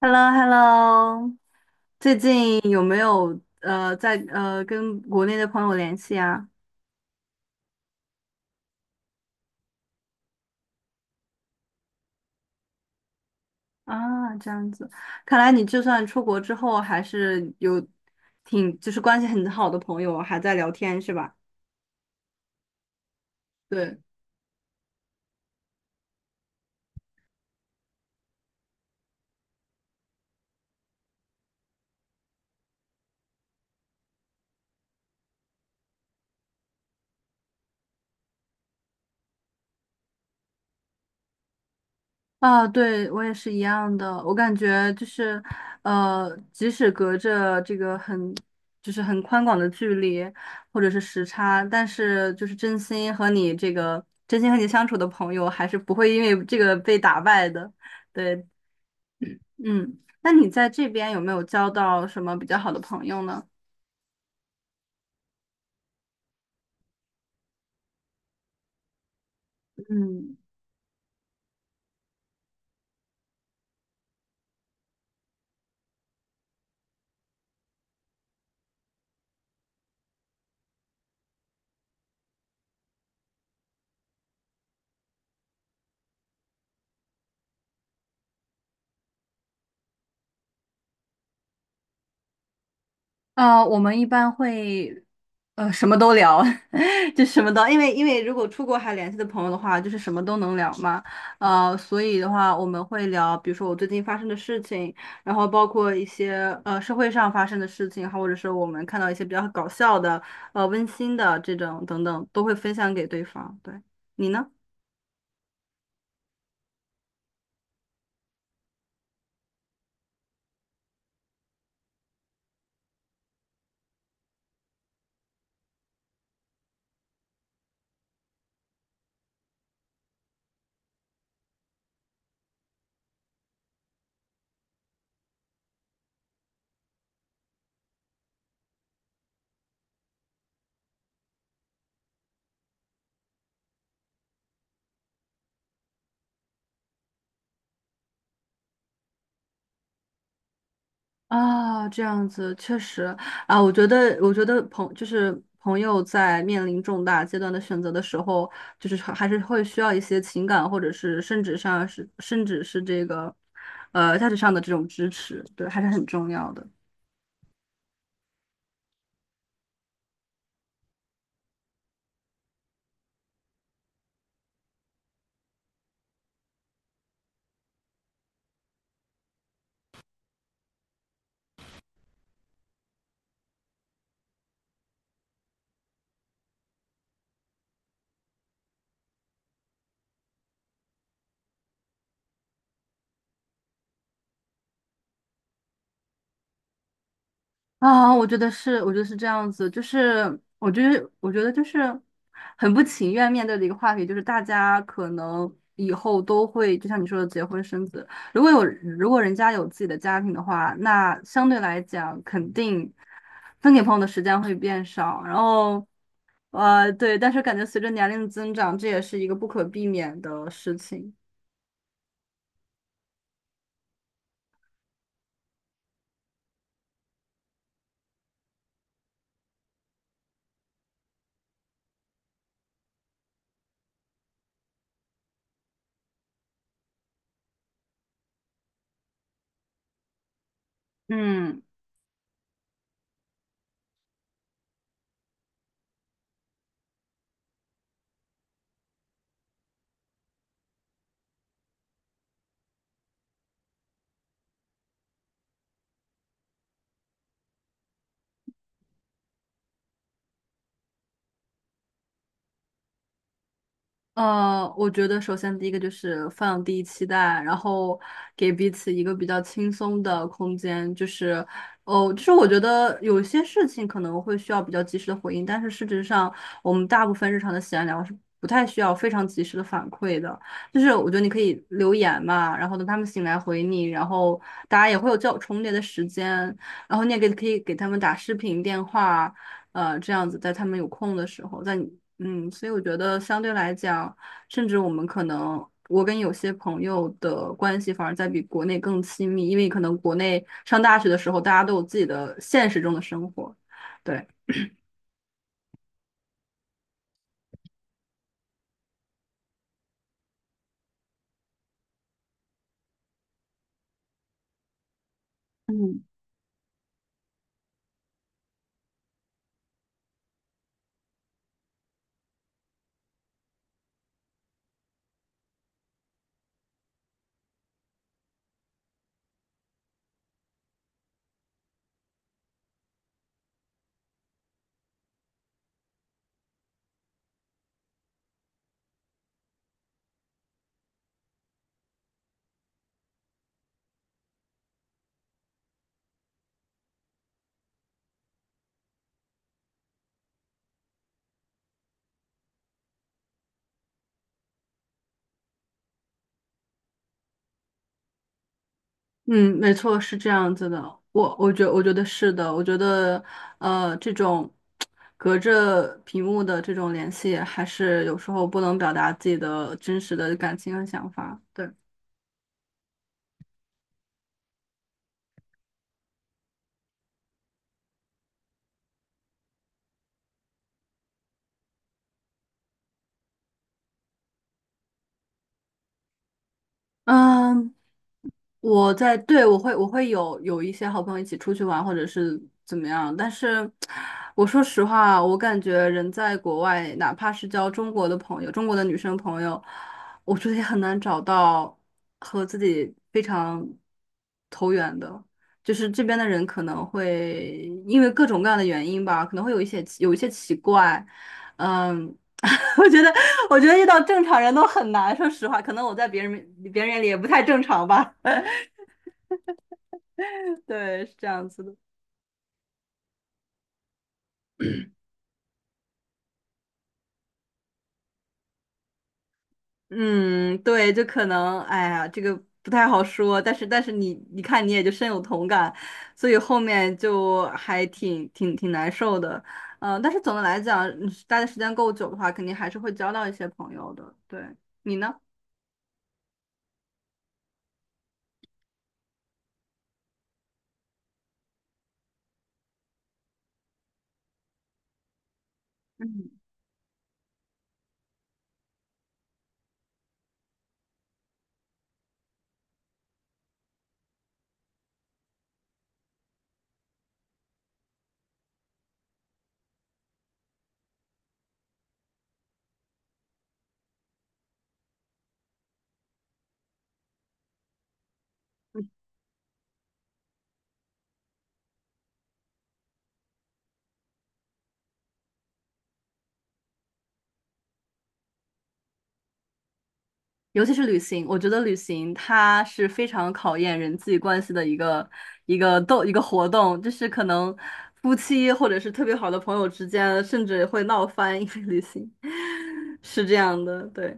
h e l l o h e l l o 最近有没有呃在呃跟国内的朋友联系啊？啊，这样子，看来你就算出国之后，还是有挺就是关系很好的朋友，还在聊天是吧？对。啊，对，我也是一样的。我感觉就是，即使隔着这个很，就是很宽广的距离，或者是时差，但是就是真心和你相处的朋友，还是不会因为这个被打败的。对，嗯，那你在这边有没有交到什么比较好的朋友呢？嗯。我们一般会，什么都聊，就什么都，因为如果出国还联系的朋友的话，就是什么都能聊嘛，所以的话我们会聊，比如说我最近发生的事情，然后包括一些社会上发生的事情，或者是我们看到一些比较搞笑的、温馨的这种等等，都会分享给对方。对，你呢？啊，这样子确实啊，我觉得就是朋友在面临重大阶段的选择的时候，就是还是会需要一些情感，或者是甚至是这个，价值上的这种支持，对，还是很重要的。啊，我觉得是这样子，就是我觉得就是很不情愿面对的一个话题，就是大家可能以后都会，就像你说的，结婚生子。如果有，如果人家有自己的家庭的话，那相对来讲，肯定分给朋友的时间会变少。然后，对，但是感觉随着年龄的增长，这也是一个不可避免的事情。嗯。我觉得首先第一个就是放低期待，然后给彼此一个比较轻松的空间，就是，哦，就是我觉得有些事情可能会需要比较及时的回应，但是事实上我们大部分日常的闲聊是不太需要非常及时的反馈的，就是我觉得你可以留言嘛，然后等他们醒来回你，然后大家也会有较重叠的时间，然后你也给可以给他们打视频电话。这样子在他们有空的时候，在你嗯，所以我觉得相对来讲，甚至我们可能我跟有些朋友的关系反而在比国内更亲密，因为可能国内上大学的时候，大家都有自己的现实中的生活，对。嗯，没错，是这样子的。我觉得是的，我觉得这种隔着屏幕的这种联系，还是有时候不能表达自己的真实的感情和想法。对，嗯，对，我会有一些好朋友一起出去玩，或者是怎么样。但是我说实话，我感觉人在国外，哪怕是交中国的朋友，中国的女生朋友，我觉得也很难找到和自己非常投缘的。就是这边的人可能会因为各种各样的原因吧，可能会有一些奇怪，嗯。我觉得，我觉得遇到正常人都很难。说实话，可能我在别人眼里也不太正常吧。对，是这样子的。嗯，对，就可能，哎呀，这个不太好说，但是你看你也就深有同感，所以后面就还挺难受的，但是总的来讲，待的时间够久的话，肯定还是会交到一些朋友的。对，你呢？尤其是旅行，我觉得旅行它是非常考验人际关系的一个活动，就是可能夫妻或者是特别好的朋友之间，甚至会闹翻，因为旅行 是这样的，对。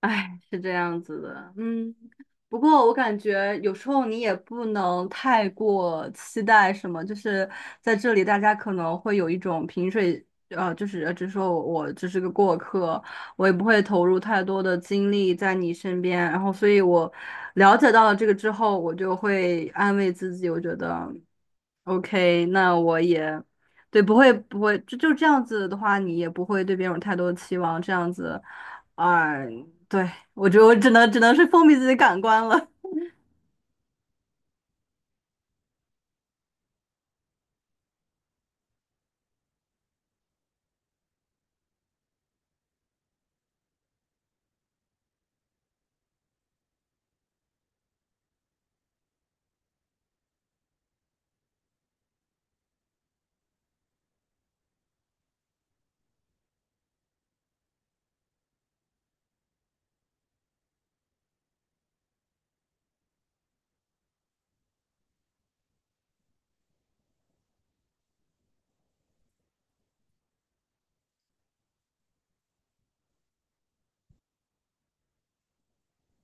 哎，是这样子的，嗯，不过我感觉有时候你也不能太过期待什么，就是在这里大家可能会有一种就是我只是个过客，我也不会投入太多的精力在你身边，然后所以我了解到了这个之后，我就会安慰自己，我觉得，OK，那我也。对，不会不会，就这样子的话，你也不会对别人有太多的期望，这样子。嗯对，我觉得我只能是封闭自己感官了。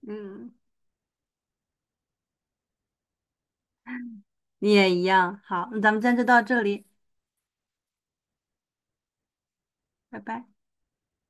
嗯，你也一样。好，那咱们今天就到这里，拜拜。